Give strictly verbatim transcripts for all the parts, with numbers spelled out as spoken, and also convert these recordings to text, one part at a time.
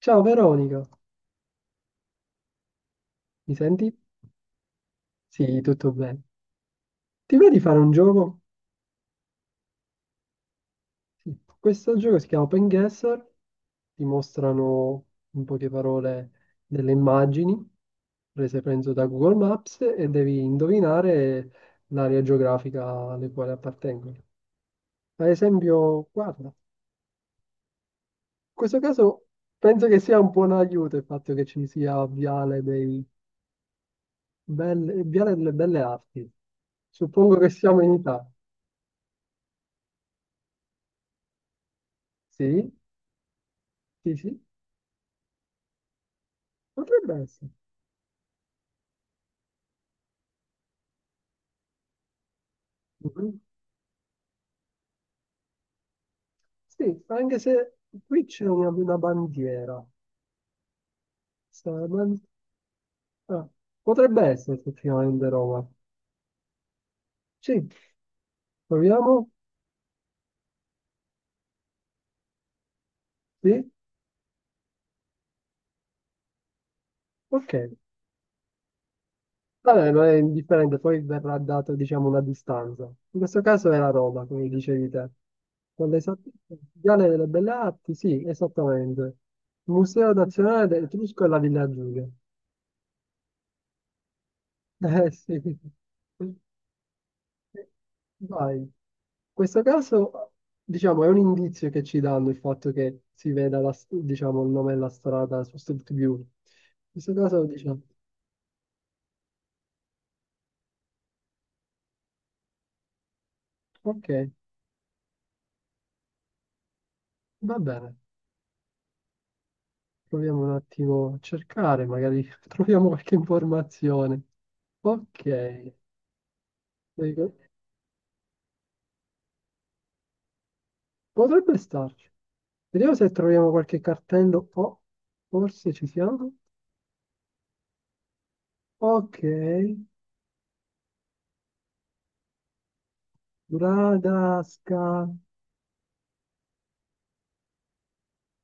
Ciao Veronica, mi senti? Sì, tutto bene. Ti va di fare un gioco? Sì. Questo gioco si chiama Open Guesser, ti mostrano in poche parole delle immagini prese penso da Google Maps e devi indovinare l'area geografica alle quali appartengono. Ad esempio, guarda, in questo caso penso che sia un buon aiuto il fatto che ci sia Viale dei Belle- Viale delle Belle Arti. Suppongo che siamo in Italia. Sì, sì, sì. Potrebbe essere. Mhm. Sì, anche se qui c'è una, una bandiera. Sta la ban- ah, potrebbe essere effettivamente Roma. Sì, proviamo? Sì? Ok. Vabbè, non è indifferente, poi verrà data, diciamo, una distanza. In questo caso era Roma, come dicevi te. Con l'esattezza il Viale delle Belle Arti, sì, esattamente. Museo Nazionale dell'Etrusco e la Villa Giulia. Eh sì. Vai. In questo caso, diciamo, è un indizio che ci danno il fatto che si veda la s- diciamo, il nome della strada su Street View. In questo caso, diciamo, ok, va bene, proviamo un attimo a cercare, magari troviamo qualche informazione. Ok, dico, potrebbe starci. Vediamo se troviamo qualche cartello. Oh, forse ci siamo. Ok, Bradasca.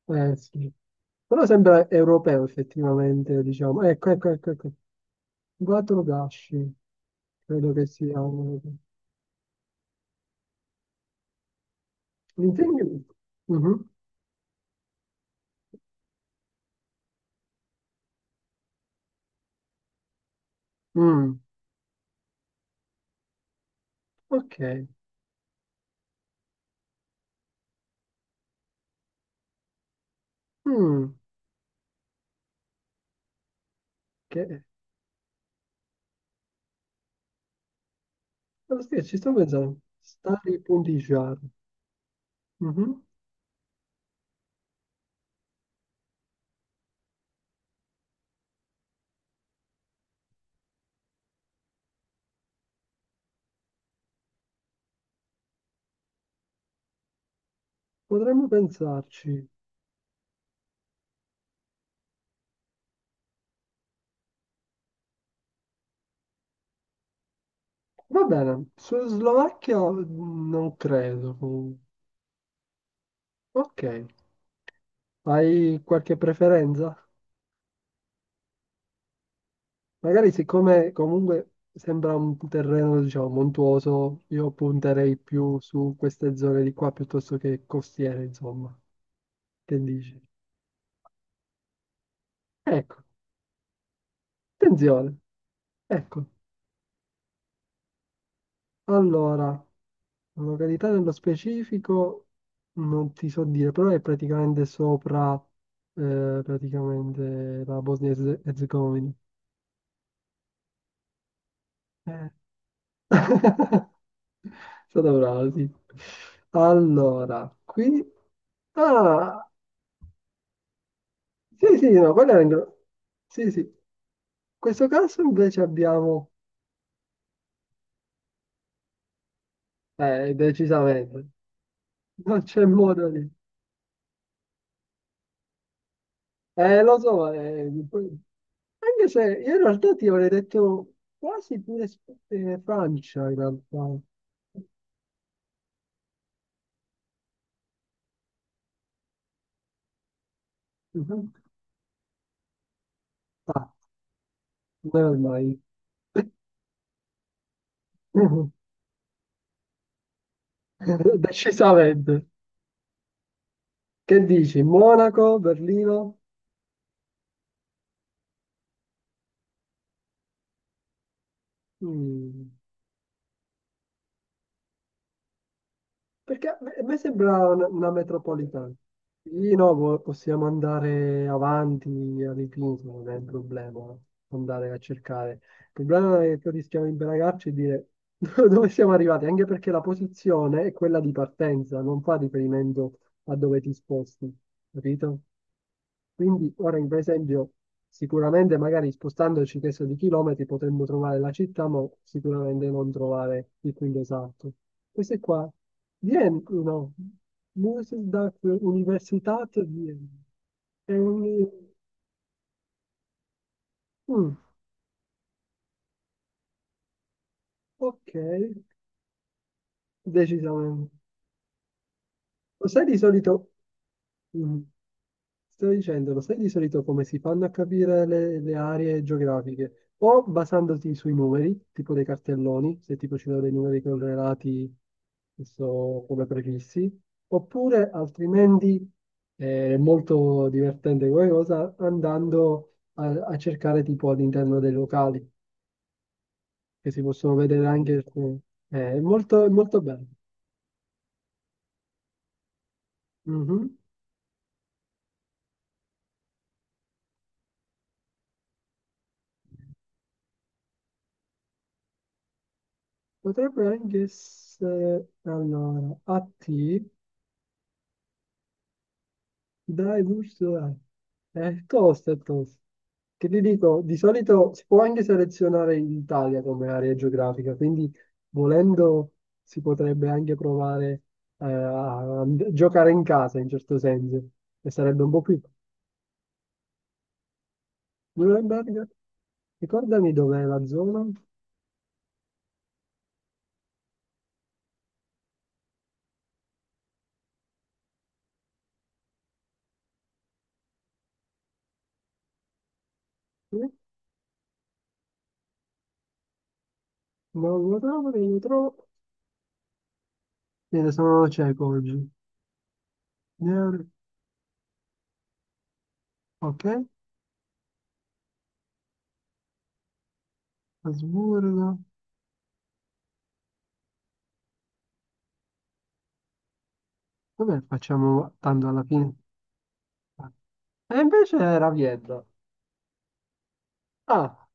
Eh sì. Però sembra europeo effettivamente, diciamo. Ecco, ecco, ecco, ecco. Quattro gasci, credo che sia un- L'integno. Mhm. Mm, ok. Mm, che... Allora, sì, ci sto pensando. Staripuntigiar. Mhm. Potremmo pensarci. Va bene. Su Slovacchia mm, non credo, comunque. Ok. Hai qualche preferenza? Magari siccome comunque sembra un terreno, diciamo, montuoso, io punterei più su queste zone di qua piuttosto che costiere, insomma. Che dici? Ecco, attenzione. Ecco, allora, località nello specifico non ti so dire, però è praticamente sopra, eh, praticamente la Bosnia e Erzegovina. È stata brava, sì. Allora, qui... Ah, sì, sì, no, quella era in... gro- Sì, sì. In questo caso invece abbiamo... Eh, decisamente. Non c'è modo di... Eh, lo so, eh, poi- anche se io in realtà ti avrei detto quasi pure Sp- eh, Francia, in realtà. Mhm. Never mind. Decisamente. Che dici? Monaco, Berlino? Mm. Perché a me a me sembra una, una metropolitana. Lì no, po- possiamo andare avanti all'infinito, non è un problema andare a cercare. Il problema è che rischiamo di imbragarci e dire dove siamo arrivati, anche perché la posizione è quella di partenza, non fa riferimento a dove ti sposti, capito? Quindi ora, in per esempio, sicuramente magari spostandoci questo di chilometri potremmo trovare la città, ma sicuramente non trovare il punto esatto. Questo è qua. Viene, no, Musikdag Universitat di Vienna. È un... mm, ok, decisamente. Lo sai di solito, mm, sto dicendo, lo sai di solito come si fanno a capire le, le aree geografiche? O basandoti sui numeri, tipo dei cartelloni, se tipo ci sono dei numeri correlati che so, come prefissi, oppure altrimenti è molto divertente come cosa andando a, a cercare tipo all'interno dei locali, che si possono vedere anche alcune. È molto, è molto bello. Mhm. Potrebbe anche essere allora a te dai gusto a- è tosta, è tosta. Che ti dico, di solito si può anche selezionare l'Italia come area geografica, quindi volendo si potrebbe anche provare eh, a a giocare in casa in certo senso, e sarebbe un po' più. Nuremberg, ricordami dov'è la zona? Eh? No, non lo trovo, non lo trovo. Bene, sono cieco oggi. Neuro- Ok, Asburgo. Vabbè, facciamo tanto alla fine. E invece era Vienna. Ah,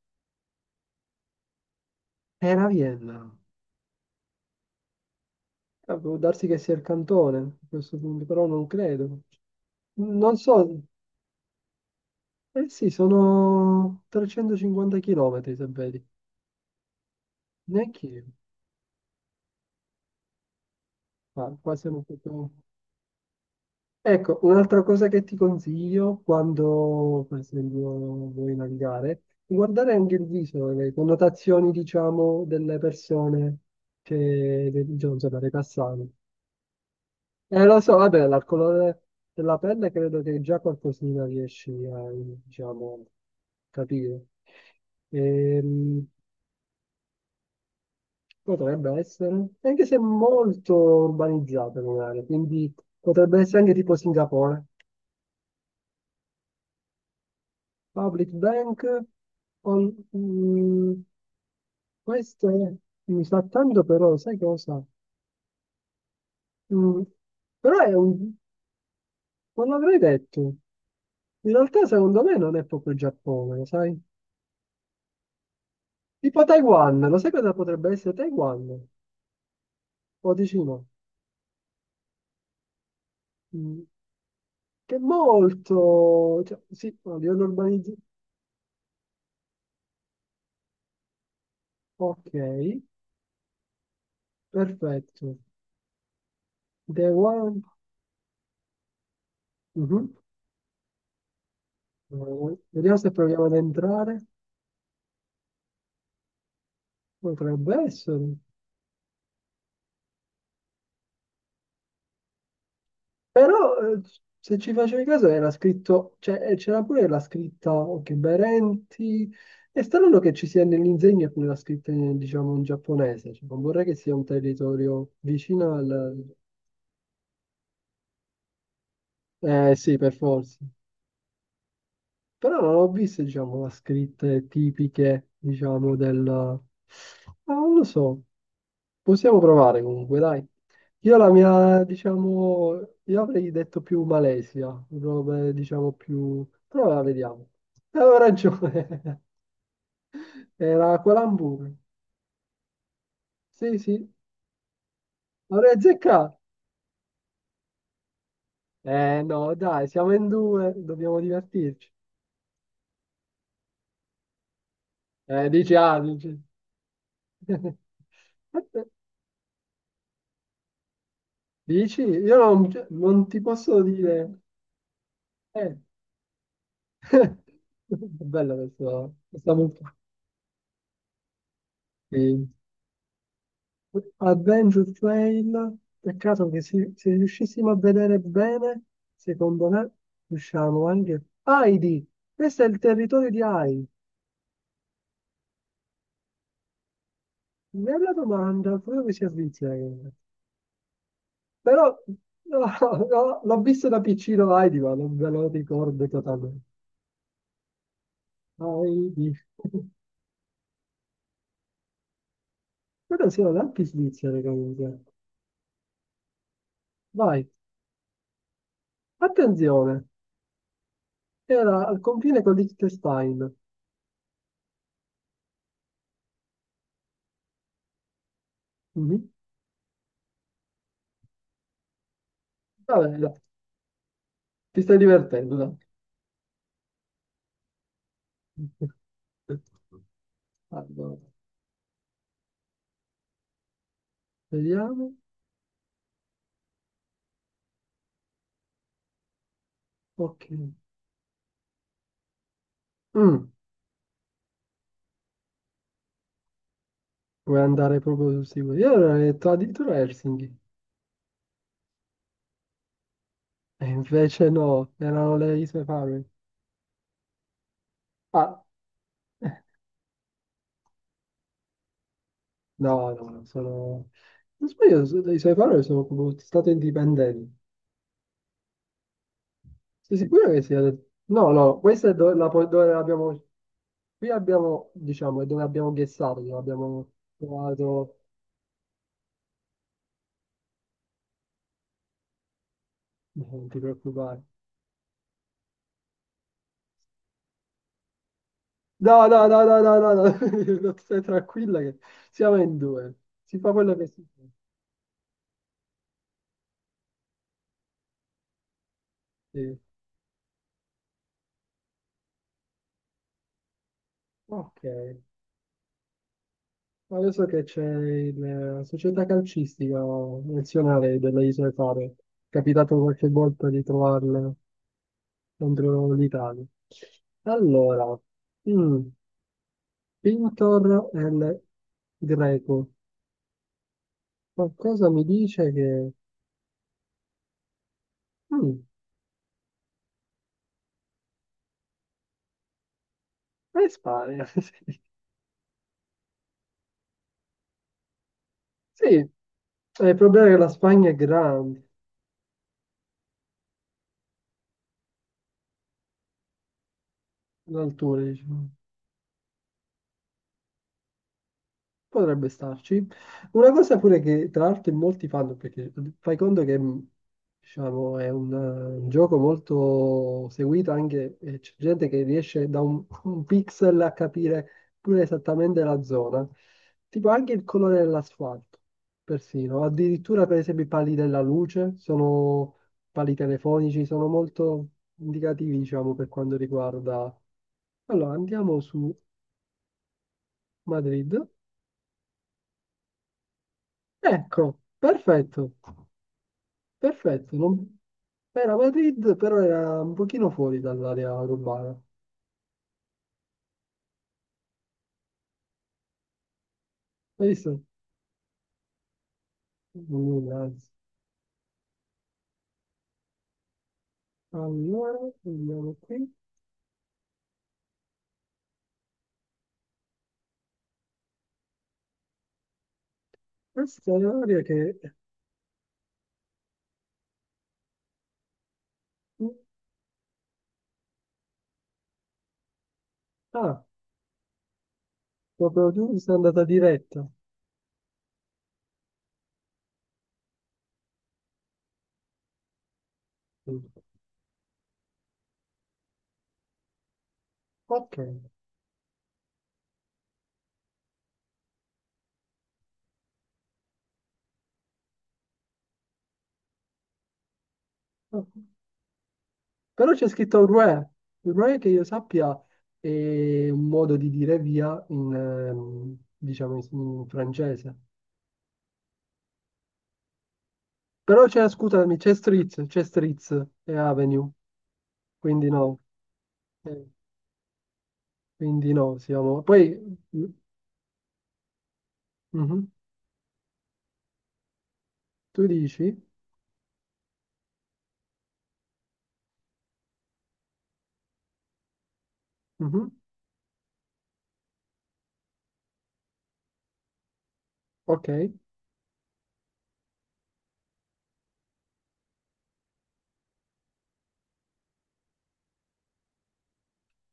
era Vienna. Eh, Può darsi che sia il cantone a questo punto, però non credo. Non so. Eh sì, sono trecentocinquanta chilometri, se vedi. Neanche qua, qua siamo proprio... Ecco, un'altra cosa che ti consiglio quando, per esempio, vuoi navigare, guardare anche il viso, le connotazioni, diciamo, delle persone che, dei- diciamo, dei passanti. Eh, lo so, vabbè, dal colore della pelle credo che già qualcosina riesci a, diciamo, capire. Ehm, potrebbe essere, anche se molto urbanizzata magari, quindi potrebbe essere anche tipo Singapore. Public Bank, on- mm, questo è- mi sa tanto però, sai cosa? Mm, però è un, non l'avrei detto. In realtà secondo me non è proprio il Giappone, sai? Tipo Taiwan, lo sai cosa potrebbe essere Taiwan? O dici no? Mm. Che è molto... Cioè, sì, a livello urbanizzato. Ok, perfetto. Taiwan. Mhm. Eh, vediamo se proviamo ad entrare. Potrebbe essere. Però, eh, se ci facevi caso, era scritto... Cioè, eh, c'era pure la scritta, ok, Berenti. È strano che ci sia nell'insegna pure la scritta, in, diciamo, in giapponese. Cioè, non vorrei che sia un territorio vicino al... Eh sì, per forza. Però non ho visto, diciamo, la scritte tipiche, diciamo, del... Ah, non lo so. Possiamo provare comunque, dai. Io la mia, diciamo, io avrei detto più Malesia, robe, diciamo, più... Però la vediamo. Eh, avevo ragione. Era Kuala Lumpur. Sì, sì. Avrei azzeccato. Eh no, dai, siamo in due, dobbiamo divertirci. Eh, dici, ah, dici. Dici? Io non, cioè, non ti posso dire. Eh. Bella questa, questa multa. Sì. Adventure Trail. Peccato che se, se riuscissimo a vedere bene, secondo me, riusciamo anche. Heidi, questo è il territorio di Heidi. Bella domanda, credo che sia Svizzera. che- Però no, no, l'ho visto da piccino Heidi, ma non ve lo ricordo totalmente. Heidi. Però sono anche svizzere comunque. Vai. Attenzione, era al confine con Liechtenstein. Mhm. Vabbè, dai, ti stai divertendo, dai. Allora, vediamo. Ok. Mm, vuoi andare proprio sul sicuro? Io ero detto addirittura Helsinki. E invece no, erano le Isole Faroe. Ah, no, no, sono... Non sbaglio, le Isole Faroe sono come stati indipendenti. Sei sicuro che sia... detto? No, no, questa è dove, la, po- dove abbiamo... Qui abbiamo, diciamo, è dove abbiamo guessato, dove abbiamo trovato... No, non ti preoccupare. No, no, no, no, no, no, no. Stai tranquilla che siamo in due. Si fa quello che si può. Sì. Ok. Ma adesso che c'è il- la società calcistica nazionale delle Isole Faro, è capitato qualche volta di trovarle contro l'Italia. Allora, mm, Pintor è il greco. Qualcosa mi dice che... Mm, è Spagna. Sì, eh, il problema è che la Spagna è grande, l'altura, diciamo. Potrebbe starci. Una cosa pure che tra l'altro molti fanno, perché fai conto che mh, diciamo, è un, eh, un gioco molto seguito anche, eh, c'è gente che riesce da un, un pixel a capire pure esattamente la zona, tipo anche il colore dell'asfalto, persino, addirittura per esempio i pali della luce, sono pali telefonici, sono molto indicativi, diciamo, per quanto riguarda... Allora, andiamo su Madrid. Ecco, perfetto. Perfetto, non- era Madrid, però era un pochino fuori dall'area urbana. Hai visto? Mm, anzi. Allora, andiamo qui. Questa è un'area che... Ah, proprio tu sei andata diretta. Ok. Però c'è scritto re. Il re, che io sappia, è un modo di dire via in, ehm, diciamo, in francese. Però c'è, scusami, c'è street, c'è streets e avenue, quindi no. Eh, quindi no, siamo... Poi, mhm, tu dici? Mhm, ok,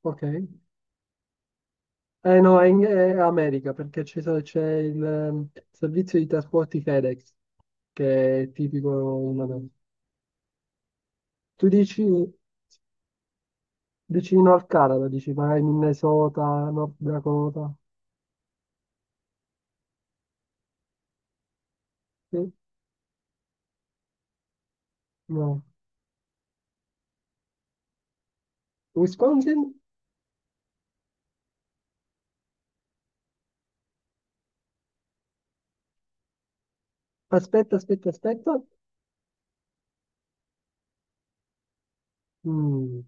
ok. Eh no, è, in, è America, perché c'è c'è il ehm, servizio di trasporti FedEx, che è tipico in America. Tu dici vicino al Canada, dici magari Minnesota, North Dakota? Sì? No. Wisconsin? Aspetta, aspetta, aspetta. Mm.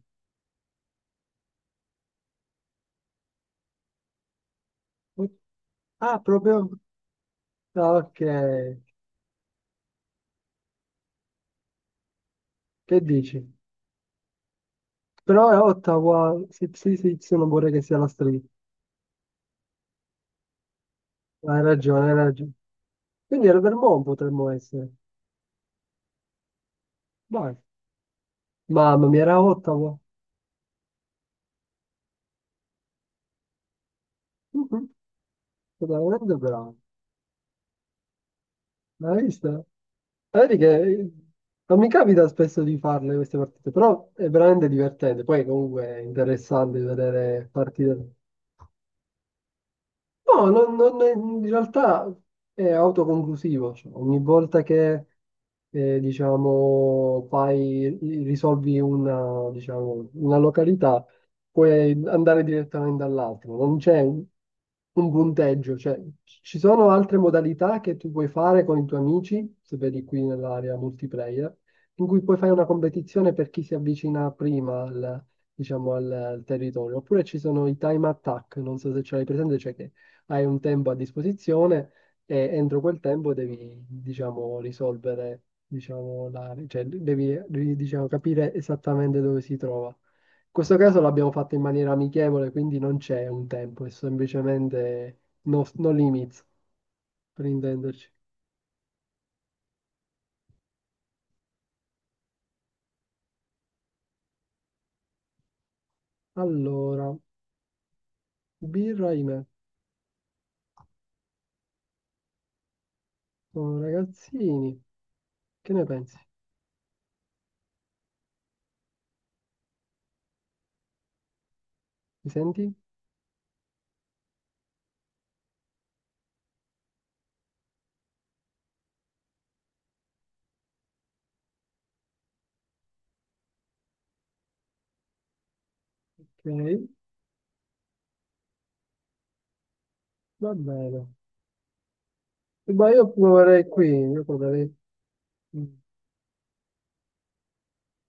Ah, proprio... Ah, ok, che dici? Però è Ottawa, sì, sì, sì, sì, non vorrei che sia la street. Hai ragione, hai ragione. Quindi era Vermont potremmo essere. Vai. Mamma mia, era Ottawa. Mhm, veramente bravo. L'hai vista? Vedi che non mi capita spesso di farle queste partite, però è veramente divertente. Poi comunque è interessante vedere partite. No, non- non è- in realtà è autoconclusivo, cioè, ogni volta che eh, diciamo, fai, risolvi una, diciamo, una località, puoi andare direttamente all'altro, non c'è un, un punteggio, cioè, ci sono altre modalità che tu puoi fare con i tuoi amici, se vedi qui nell'area multiplayer, in cui puoi fare una competizione per chi si avvicina prima al, diciamo, al, al territorio, oppure ci sono i time attack, non so se ce l'hai presente, cioè che hai un tempo a disposizione e entro quel tempo devi, diciamo, risolvere, diciamo, la, cioè devi, devi, diciamo, capire esattamente dove si trova. In questo caso l'abbiamo fatto in maniera amichevole, quindi non c'è un tempo, è semplicemente no, no limits, per intenderci. Allora, birra e me, sono ragazzini, che ne pensi? Mi senti? Ok, va bene. Ma io proverei qui, io proverei...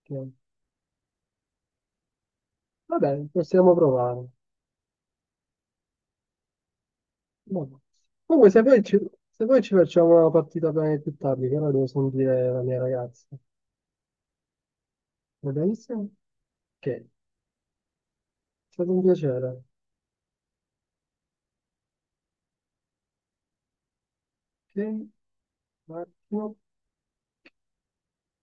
qui. Va bene, possiamo provare. No. Comunque, se poi, ci, se poi ci facciamo una partita bene più tardi, che ora devo sentire la mia ragazza, va benissimo? Ok, è stato un piacere. Ok, un attimo.